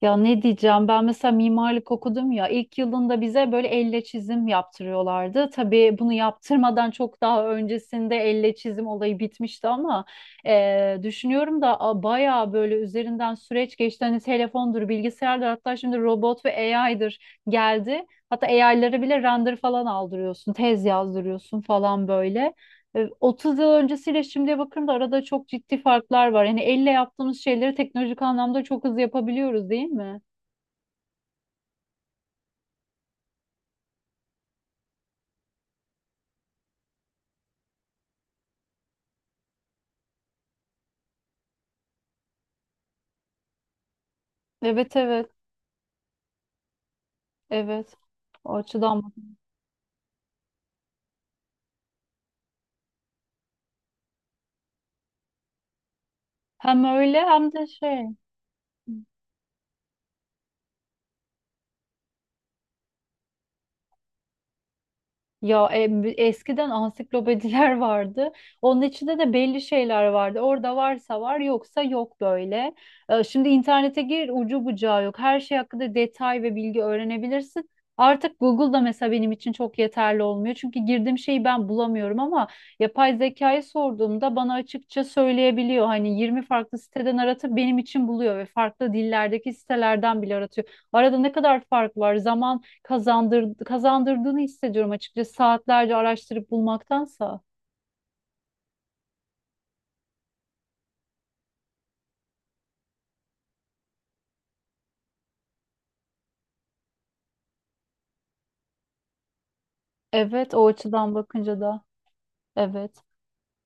Ya ne diyeceğim ben mesela mimarlık okudum ya ilk yılında bize böyle elle çizim yaptırıyorlardı. Tabii bunu yaptırmadan çok daha öncesinde elle çizim olayı bitmişti ama düşünüyorum da bayağı böyle üzerinden süreç geçti. Hani telefondur, bilgisayardır, hatta şimdi robot ve AI'dır geldi. Hatta AI'lara bile render falan aldırıyorsun, tez yazdırıyorsun falan böyle. 30 yıl öncesiyle şimdiye bakıyorum da arada çok ciddi farklar var. Yani elle yaptığımız şeyleri teknolojik anlamda çok hızlı yapabiliyoruz, değil mi? Evet, evet, evet. O açıdan hem öyle hem de şey. Ya eskiden ansiklopediler vardı. Onun içinde de belli şeyler vardı. Orada varsa var, yoksa yok böyle. Şimdi internete gir, ucu bucağı yok. Her şey hakkında detay ve bilgi öğrenebilirsin. Artık Google'da mesela benim için çok yeterli olmuyor. Çünkü girdiğim şeyi ben bulamıyorum ama yapay zekayı sorduğumda bana açıkça söyleyebiliyor. Hani 20 farklı siteden aratıp benim için buluyor ve farklı dillerdeki sitelerden bile aratıyor. Arada ne kadar fark var? Kazandırdığını hissediyorum açıkçası, saatlerce araştırıp bulmaktansa. Evet, o açıdan bakınca da evet.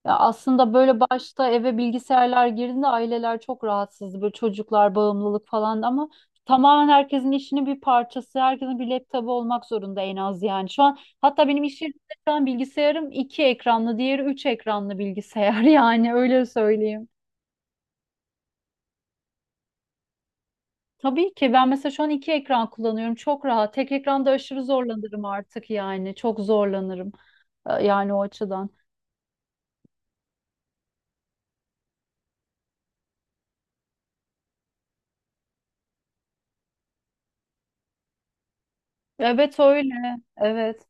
Ya aslında böyle başta eve bilgisayarlar girdiğinde aileler çok rahatsızdı. Böyle çocuklar bağımlılık falan ama tamamen herkesin işinin bir parçası. Herkesin bir laptopu olmak zorunda en az yani. Şu an hatta benim iş yerimde şu an bilgisayarım iki ekranlı, diğeri üç ekranlı bilgisayar yani öyle söyleyeyim. Tabii ki ben mesela şu an iki ekran kullanıyorum. Çok rahat. Tek ekranda aşırı zorlanırım artık yani. Çok zorlanırım. Yani o açıdan. Evet öyle. Evet.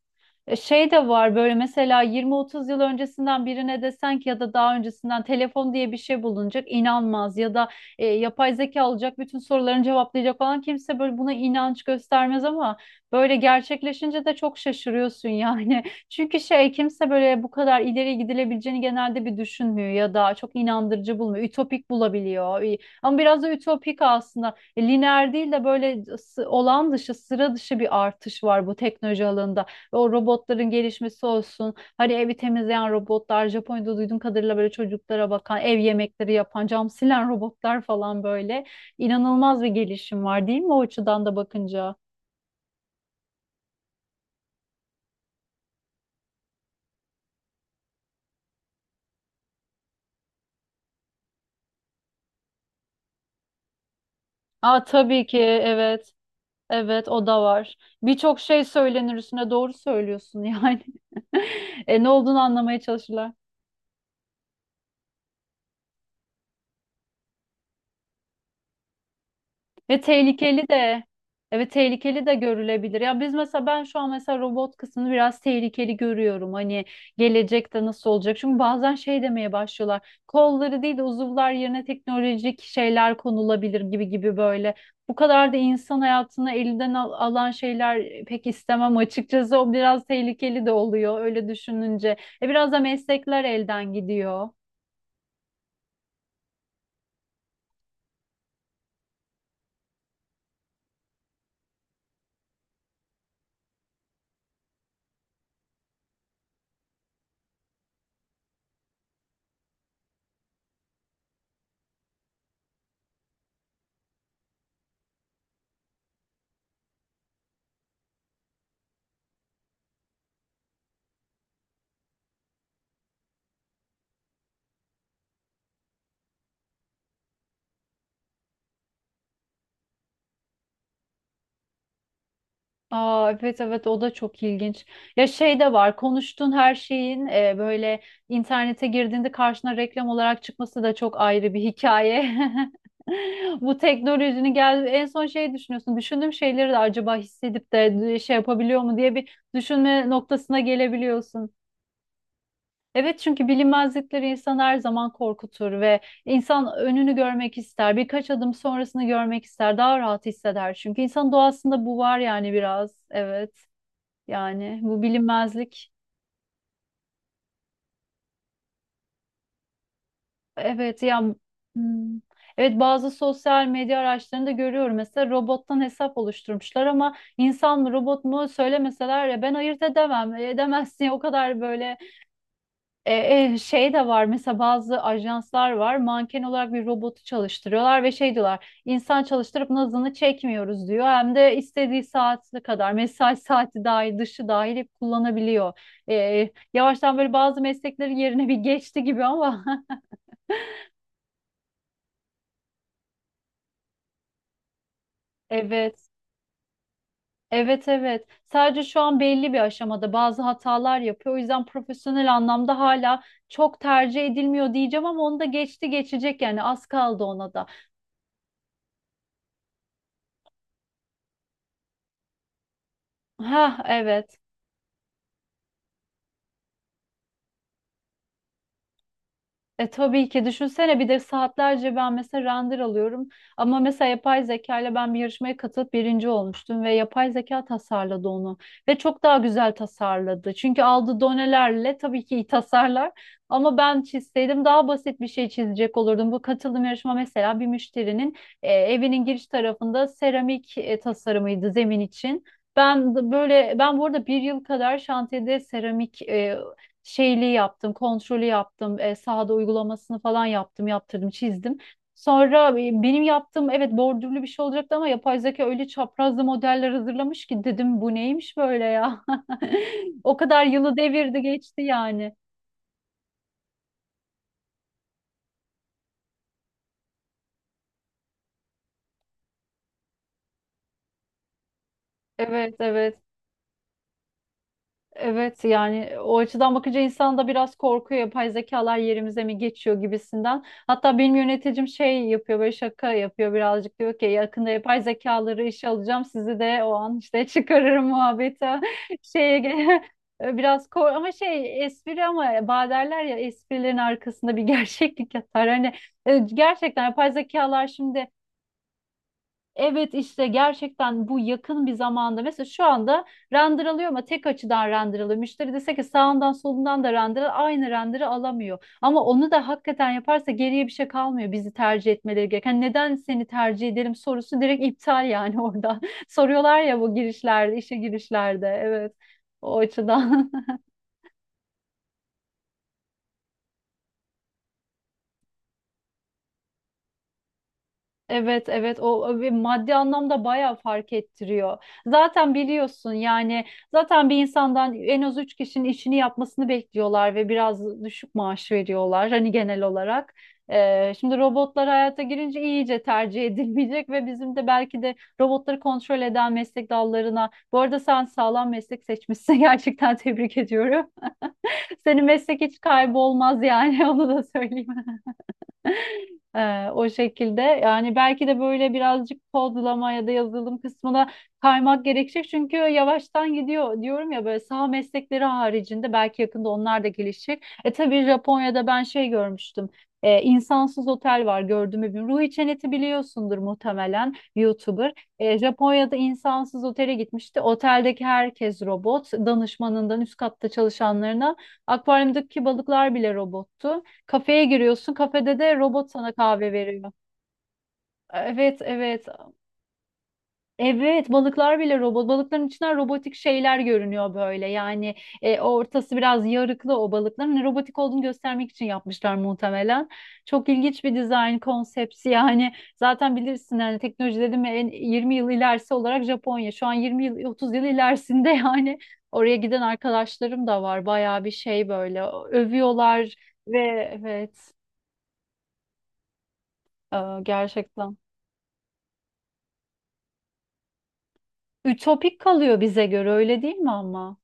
Şey de var, böyle mesela 20-30 yıl öncesinden birine desen ki ya da daha öncesinden telefon diye bir şey bulunacak, inanmaz, ya da yapay zeka olacak bütün sorularını cevaplayacak falan, kimse böyle buna inanç göstermez ama böyle gerçekleşince de çok şaşırıyorsun yani. Çünkü şey, kimse böyle bu kadar ileri gidilebileceğini genelde bir düşünmüyor ya da çok inandırıcı bulmuyor. Ütopik bulabiliyor. Ama biraz da ütopik aslında. Lineer değil de böyle olağan dışı, sıra dışı bir artış var bu teknoloji alanında. O robotların gelişmesi olsun. Hani evi temizleyen robotlar, Japonya'da duyduğum kadarıyla böyle çocuklara bakan, ev yemekleri yapan, cam silen robotlar falan böyle. İnanılmaz bir gelişim var değil mi o açıdan da bakınca? Aa, tabii ki evet. Evet, o da var. Birçok şey söylenir üstüne, doğru söylüyorsun yani. Ne olduğunu anlamaya çalışırlar. Ve tehlikeli de, evet, tehlikeli de görülebilir. Ya biz mesela, ben şu an mesela robot kısmını biraz tehlikeli görüyorum. Hani gelecekte nasıl olacak? Çünkü bazen şey demeye başlıyorlar. Kolları değil de uzuvlar yerine teknolojik şeyler konulabilir gibi gibi böyle. Bu kadar da insan hayatını elinden alan şeyler pek istemem açıkçası. O biraz tehlikeli de oluyor öyle düşününce. E biraz da meslekler elden gidiyor. Aa, evet evet, o da çok ilginç. Ya şey de var, konuştuğun her şeyin böyle internete girdiğinde karşına reklam olarak çıkması da çok ayrı bir hikaye. Bu teknolojinin gel, en son şey düşünüyorsun. Düşündüğüm şeyleri de acaba hissedip de şey yapabiliyor mu diye bir düşünme noktasına gelebiliyorsun. Evet, çünkü bilinmezlikleri insan her zaman korkutur ve insan önünü görmek ister. Birkaç adım sonrasını görmek ister. Daha rahat hisseder, çünkü insan doğasında bu var yani biraz. Evet. Yani bu bilinmezlik. Evet ya. Hmm. Evet, bazı sosyal medya araçlarında görüyorum mesela robottan hesap oluşturmuşlar ama insan mı robot mu söylemeseler ya ben ayırt edemem, edemezsin o kadar böyle. Şey de var mesela, bazı ajanslar var manken olarak bir robotu çalıştırıyorlar ve şey diyorlar, insan çalıştırıp nazını çekmiyoruz diyor, hem de istediği saati kadar mesai saati, dahil dışı dahil, hep kullanabiliyor. Yavaştan böyle bazı mesleklerin yerine bir geçti gibi ama evet evet evet, sadece şu an belli bir aşamada bazı hatalar yapıyor, o yüzden profesyonel anlamda hala çok tercih edilmiyor diyeceğim ama onu da geçti geçecek yani, az kaldı ona da. Ha evet. E tabii ki, düşünsene, bir de saatlerce ben mesela render alıyorum ama mesela yapay zeka ile ben bir yarışmaya katılıp birinci olmuştum ve yapay zeka tasarladı onu ve çok daha güzel tasarladı. Çünkü aldığı donelerle tabii ki iyi tasarlar ama ben çizseydim daha basit bir şey çizecek olurdum. Bu katıldığım yarışma mesela bir müşterinin evinin giriş tarafında seramik tasarımıydı, zemin için. Ben de böyle, ben burada bir yıl kadar şantiyede seramik şeyliği yaptım, kontrolü yaptım, sahada uygulamasını falan yaptım, yaptırdım, çizdim. Sonra benim yaptığım, evet, bordürlü bir şey olacaktı ama yapay zeka öyle çaprazlı modeller hazırlamış ki, dedim bu neymiş böyle ya. O kadar yılı devirdi geçti yani. Evet evet. Evet yani, o açıdan bakınca insan da biraz korkuyor, yapay zekalar yerimize mi geçiyor gibisinden. Hatta benim yöneticim şey yapıyor, böyle şaka yapıyor birazcık, diyor ki yakında yapay zekaları işe alacağım, sizi de o an işte çıkarırım muhabbete şeye ge- biraz kor, ama şey, espri ama baderler ya, esprilerin arkasında bir gerçeklik yatar. Hani gerçekten yapay zekalar şimdi, evet, işte gerçekten bu yakın bir zamanda mesela şu anda render alıyor ama tek açıdan render alıyor. Müşteri dese ki sağından solundan da render al, aynı render'ı alamıyor. Ama onu da hakikaten yaparsa geriye bir şey kalmıyor bizi tercih etmeleri gereken. Hani neden seni tercih ederim sorusu direkt iptal yani orada. Soruyorlar ya bu girişlerde, işe girişlerde. Evet. O açıdan. Evet evet, o bir maddi anlamda bayağı fark ettiriyor. Zaten biliyorsun yani, zaten bir insandan en az üç kişinin işini yapmasını bekliyorlar ve biraz düşük maaş veriyorlar hani genel olarak. Şimdi robotlar hayata girince iyice tercih edilmeyecek ve bizim de belki de robotları kontrol eden meslek dallarına. Bu arada sen sağlam meslek seçmişsin gerçekten, tebrik ediyorum. Senin meslek hiç kaybolmaz yani onu da söyleyeyim. O şekilde yani, belki de böyle birazcık kodlama ya da yazılım kısmına kaymak gerekecek, çünkü yavaştan gidiyor diyorum ya, böyle saha meslekleri haricinde belki yakında onlar da gelişecek. E tabii Japonya'da ben şey görmüştüm. İnsansız otel var, gördüm bir Ruhi Çenet'i biliyorsundur muhtemelen, YouTuber. Japonya'da insansız otele gitmişti. Oteldeki herkes robot. Danışmanından üst katta çalışanlarına. Akvaryumdaki balıklar bile robottu. Kafeye giriyorsun. Kafede de robot sana kahve veriyor. Evet, evet. Evet, balıklar bile robot. Balıkların içinden robotik şeyler görünüyor böyle. Yani ortası biraz yarıklı o balıkların. Hani robotik olduğunu göstermek için yapmışlar muhtemelen. Çok ilginç bir dizayn konsepti. Yani zaten bilirsin yani, teknoloji dedim ya, en 20 yıl ilerisi olarak Japonya. Şu an 20 yıl, 30 yıl ilerisinde yani. Oraya giden arkadaşlarım da var. Bayağı bir şey böyle. Övüyorlar ve evet, e, gerçekten. Ütopik kalıyor bize göre, öyle değil mi ama?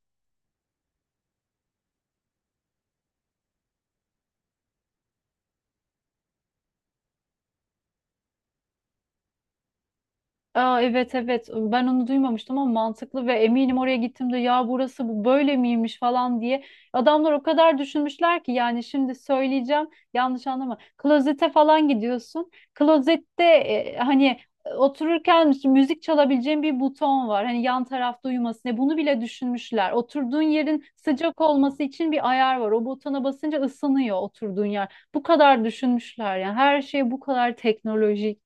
Aa, evet evet, ben onu duymamıştım ama mantıklı, ve eminim oraya gittiğimde ya burası bu böyle miymiş falan diye, adamlar o kadar düşünmüşler ki yani, şimdi söyleyeceğim yanlış anlama, klozete falan gidiyorsun, klozette hani otururken işte müzik çalabileceğin bir buton var, hani yan tarafta, uyumasın diye bunu bile düşünmüşler, oturduğun yerin sıcak olması için bir ayar var, o butona basınca ısınıyor oturduğun yer, bu kadar düşünmüşler yani, her şey bu kadar teknolojik.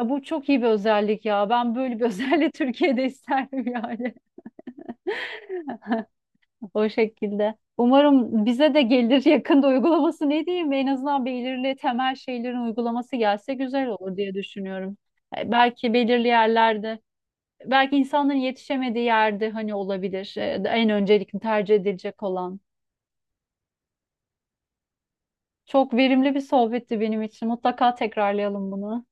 Bu çok iyi bir özellik ya. Ben böyle bir özelliği Türkiye'de isterdim yani. O şekilde. Umarım bize de gelir yakında, uygulaması ne diyeyim? En azından belirli temel şeylerin uygulaması gelse güzel olur diye düşünüyorum. Belki belirli yerlerde, belki insanların yetişemediği yerde hani, olabilir. En öncelikli tercih edilecek olan. Çok verimli bir sohbetti benim için. Mutlaka tekrarlayalım bunu.